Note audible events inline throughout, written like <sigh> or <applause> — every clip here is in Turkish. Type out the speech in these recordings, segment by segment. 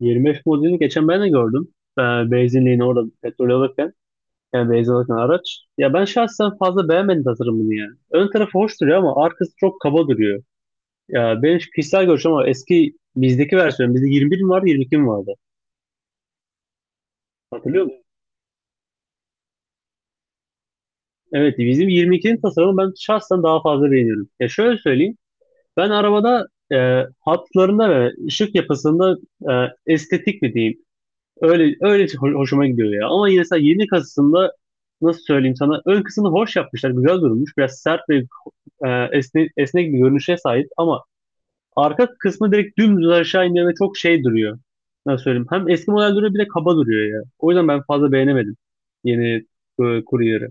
25 modelini geçen ben de gördüm. Ee, benzinliğini orada petrol alırken. Yani benzin alırken araç. Ya ben şahsen fazla beğenmedim tasarımını yani. Ön tarafı hoş duruyor ama arkası çok kaba duruyor. Ya benim kişisel görüşüm ama eski bizdeki versiyon. Bizde 21 mi vardı 22 mi vardı? Hatırlıyor musun? Evet bizim 22'nin tasarımı ben şahsen daha fazla beğeniyorum. Ya şöyle söyleyeyim. Ben arabada hatlarında ve ışık yapısında e, estetik mi diyeyim? Öyle öyle hoşuma gidiyor ya. Ama yine mesela yeni kasasında nasıl söyleyeyim sana ön kısmını hoş yapmışlar. Güzel durmuş. Biraz sert ve esnek bir görünüşe sahip ama arka kısmı direkt dümdüz aşağı iniyor ve çok şey duruyor. Nasıl söyleyeyim? Hem eski model duruyor bir de kaba duruyor ya. O yüzden ben fazla beğenemedim yeni Courier'ı.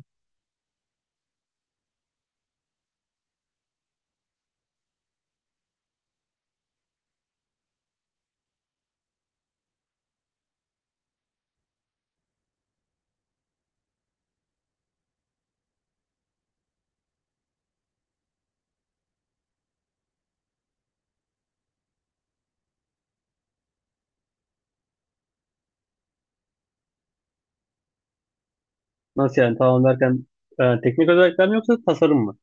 Nasıl yani tamam derken teknik özellikler mi yoksa tasarım mı?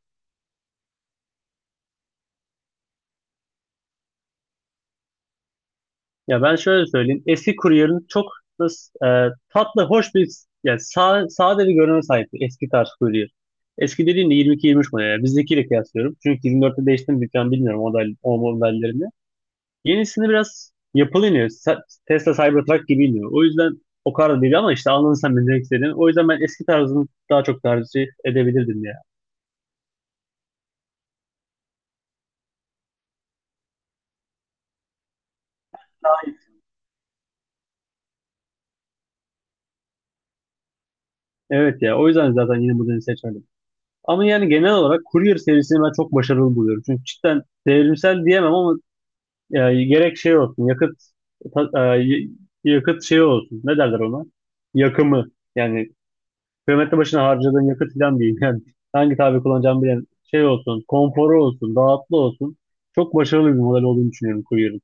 Ya ben şöyle söyleyeyim. Eski kuryerin çok nasıl, tatlı, hoş bir yani sade bir görünüme sahipti eski tarz kuryer. Eski dediğimde 22-23 model. Yani bizdekiyle kıyaslıyorum. Çünkü 24'te değişti mi falan bilmiyorum model, o modellerini. Yenisini biraz yapılı iniyor. Tesla Cybertruck gibi iniyor. O yüzden o kadar değil ama işte anladın sen benim demek istediğimi. O yüzden ben eski tarzını daha çok tercih edebilirdim ya. Evet ya o yüzden zaten yeni modeli seçmedim. Ama yani genel olarak Courier serisini ben çok başarılı buluyorum. Çünkü cidden devrimsel diyemem ama gerek şey olsun yakıt ta- e, y- yakıt şey olsun ne derler ona yakımı yani kilometre başına harcadığın yakıt falan değil <laughs> yani hangi tabi kullanacağımı bilen şey olsun konforu olsun rahatlı olsun çok başarılı bir model olduğunu düşünüyorum Courier'ın.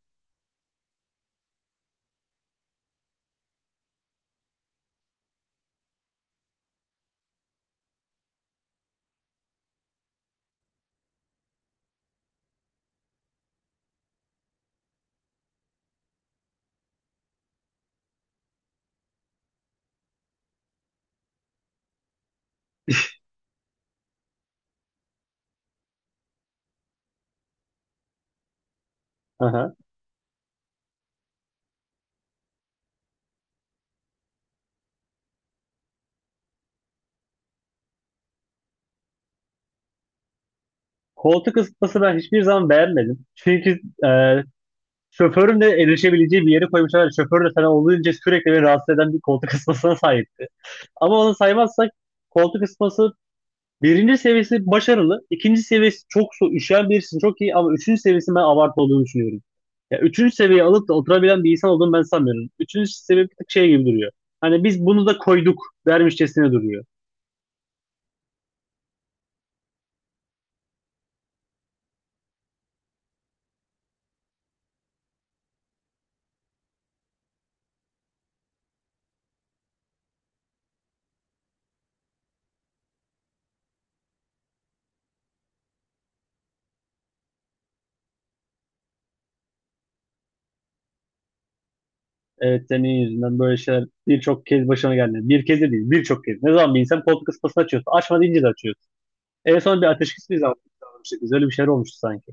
Aha. Koltuk ısıtması ben hiçbir zaman beğenmedim. Çünkü e, şoförün de erişebileceği bir yere koymuşlar. Şoför de sana olduğunca sürekli beni rahatsız eden bir koltuk ısıtmasına sahipti. Ama onu saymazsak koltuk ısıtması birinci seviyesi başarılı. İkinci seviyesi çok so üşüyen birisinin çok iyi ama üçüncü seviyesi ben abartı olduğunu düşünüyorum. Ya üçüncü seviyeyi alıp da oturabilen bir insan olduğunu ben sanmıyorum. Üçüncü seviye bir tık şey gibi duruyor. Hani biz bunu da koyduk dermişçesine duruyor. Evet senin yüzünden böyle şeyler birçok kez başına geldi. Bir kez de değil birçok kez. Ne zaman bir insan koltuk ısıtmasını açıyorsa açma deyince de açıyor. En son bir ateşkes bir zaman yapmıştık. Biz öyle bir şeyler olmuştu sanki.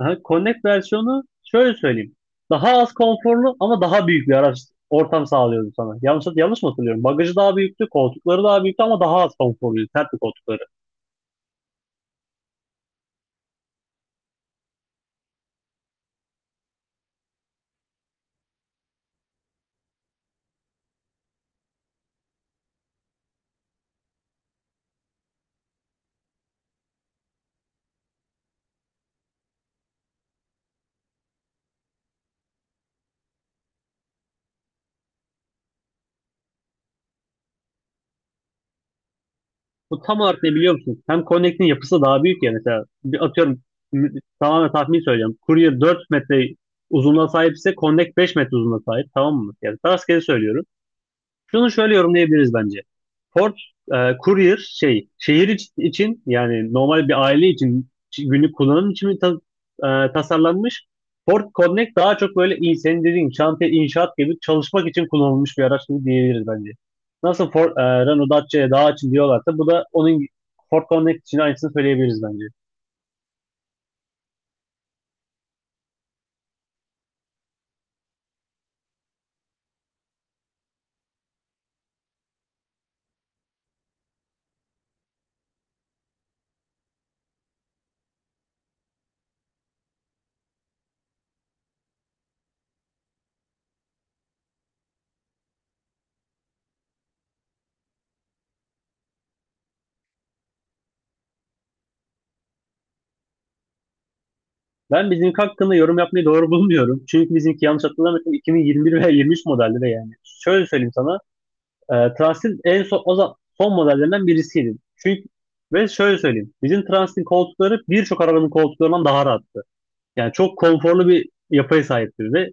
Aha, Connect versiyonu şöyle söyleyeyim. Daha az konforlu ama daha büyük bir araç ortam sağlıyordu sana. Yanlış mı hatırlıyorum? Bagajı daha büyüktü, koltukları daha büyüktü ama daha az konforluydu. Sertti koltukları. Bu tam olarak ne biliyor musun? Hem Connect'in yapısı daha büyük ya mesela. Bir atıyorum m- tamamen tahmin söyleyeceğim. Courier 4 metre uzunluğa sahipse Connect 5 metre uzunluğa sahip. Tamam mı? Yani rastgele söylüyorum. Şunu şöyle yorumlayabiliriz bence. Port, e, courier şehir için yani normal bir aile için günlük kullanım için mi tasarlanmış? Port Connect daha çok böyle senin dediğin şantiye inşaat gibi çalışmak için kullanılmış bir araç gibi diyebiliriz bence. Nasıl Ford, Renault Dacia'ya daha için diyorlarsa bu da onun Ford Connect için aynısını söyleyebiliriz bence. Ben bizimki hakkında yorum yapmayı doğru bulmuyorum. Çünkü bizimki yanlış hatırlamıyorsam 2021 veya 23 modeldi de yani. Şöyle söyleyeyim sana. Transt'in en son, son modellerinden birisiydi. Çünkü ve şöyle söyleyeyim. Bizim Transt'in koltukları birçok arabanın koltuklarından daha rahattı. Yani çok konforlu bir yapıya sahiptir ve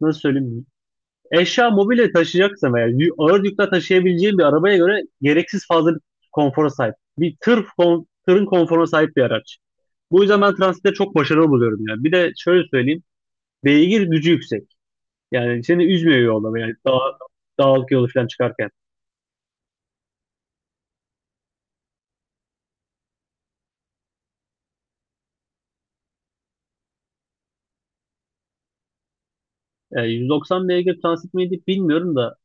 nasıl söyleyeyim eşya mobilya taşıyacaksa veya ağır yükle taşıyabileceğin bir arabaya göre gereksiz fazla bir konfora sahip. Bir tır tırın konforuna sahip bir araç. Bu yüzden ben Transit'te çok başarılı buluyorum yani. Bir de şöyle söyleyeyim. Beygir gücü yüksek. Yani seni üzmüyor yolda yani dağlık yolu falan çıkarken. 190 beygir transit miydi bilmiyorum da.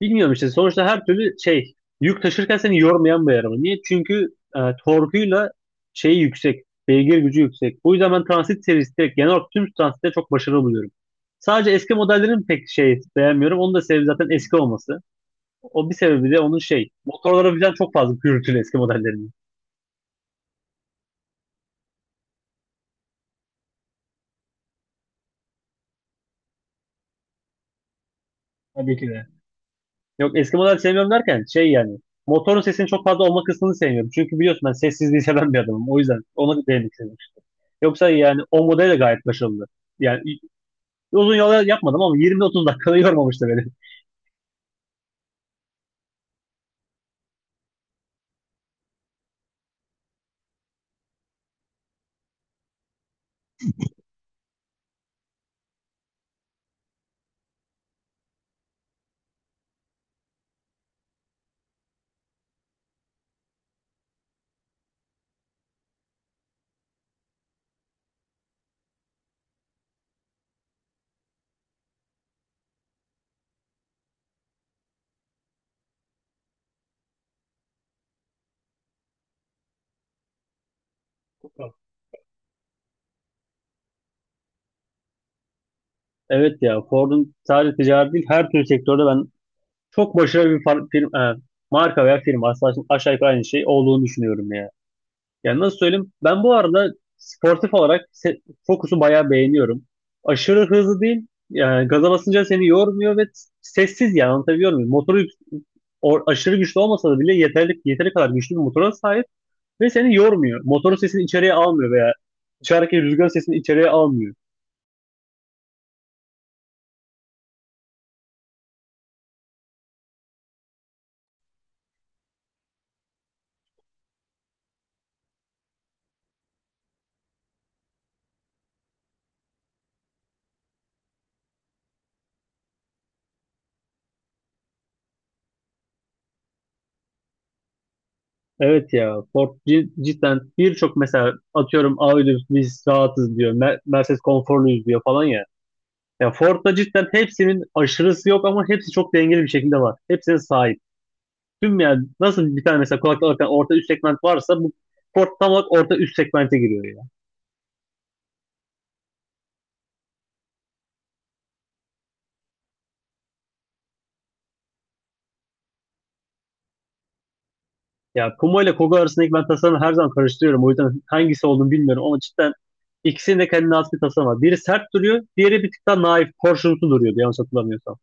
Bilmiyorum işte sonuçta her türlü şey yük taşırken seni yormayan bir araba. Niye? Çünkü e, torkuyla şeyi yüksek. Beygir gücü yüksek. Bu yüzden ben transit serisi direkt genel olarak tüm transitte çok başarılı buluyorum. Sadece eski modellerin pek şey beğenmiyorum. Onun da sebebi zaten eski olması. O bir sebebi de onun şey. Motorlara birden çok fazla gürültülü eski modellerinin. Tabii ki de. Yok eski model sevmiyorum derken şey yani. Motorun sesinin çok fazla olma kısmını sevmiyorum. Çünkü biliyorsun ben sessizliği seven bir adamım. O yüzden ona değinmek istedim. Yoksa yani o model de gayet başarılı. Yani uzun yol yapmadım ama 20-30 dakikada yormamıştı beni. <laughs> Evet ya Ford'un sadece ticaret değil her türlü sektörde ben çok başarılı bir firma, marka veya firma aslında aşağı yukarı aynı şey olduğunu düşünüyorum ya. Yani nasıl söyleyeyim ben bu arada sportif olarak Focus'u bayağı beğeniyorum. Aşırı hızlı değil yani gaza basınca seni yormuyor ve sessiz yani anlatabiliyor muyum? Motoru aşırı güçlü olmasa da bile yeteri kadar güçlü bir motora sahip. Ve seni yormuyor. Motorun sesini içeriye almıyor veya dışarıdaki rüzgar sesini içeriye almıyor. Evet ya Ford cidden birçok mesela atıyorum Audi biz rahatız diyor. Mercedes konforluyuz diyor falan ya. Ya Ford'da cidden hepsinin aşırısı yok ama hepsi çok dengeli bir şekilde var. Hepsine sahip. Tüm yani nasıl bir tane mesela kulaklık alırken orta üst segment varsa bu Ford tam olarak orta üst segmente giriyor yani. Ya Kuma ile Kogo arasındaki ben tasarımı her zaman karıştırıyorum. O yüzden hangisi olduğunu bilmiyorum ama cidden ikisinin de kendine has bir tasarımı var. Biri sert duruyor, diğeri bir tık daha naif, porsiyonlu duruyordu yanlış hatırlamıyorsam.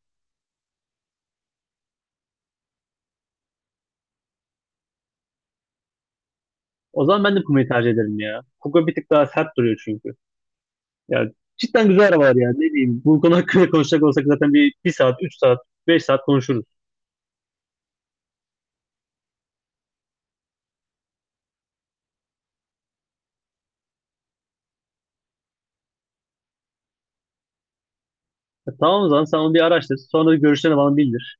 O zaman ben de Kuma'yı tercih ederim ya. Kogo bir tık daha sert duruyor çünkü. Ya cidden güzel arabalar ya. Ne diyeyim, bu konu hakkında konuşacak olsak zaten bir saat, üç saat, beş saat konuşuruz. Ya tamam o zaman sen onu bir araştır. Sonra görüşlerini bana bildir.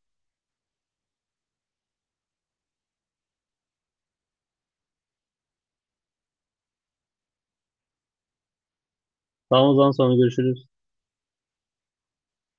Tamam o zaman sonra görüşürüz.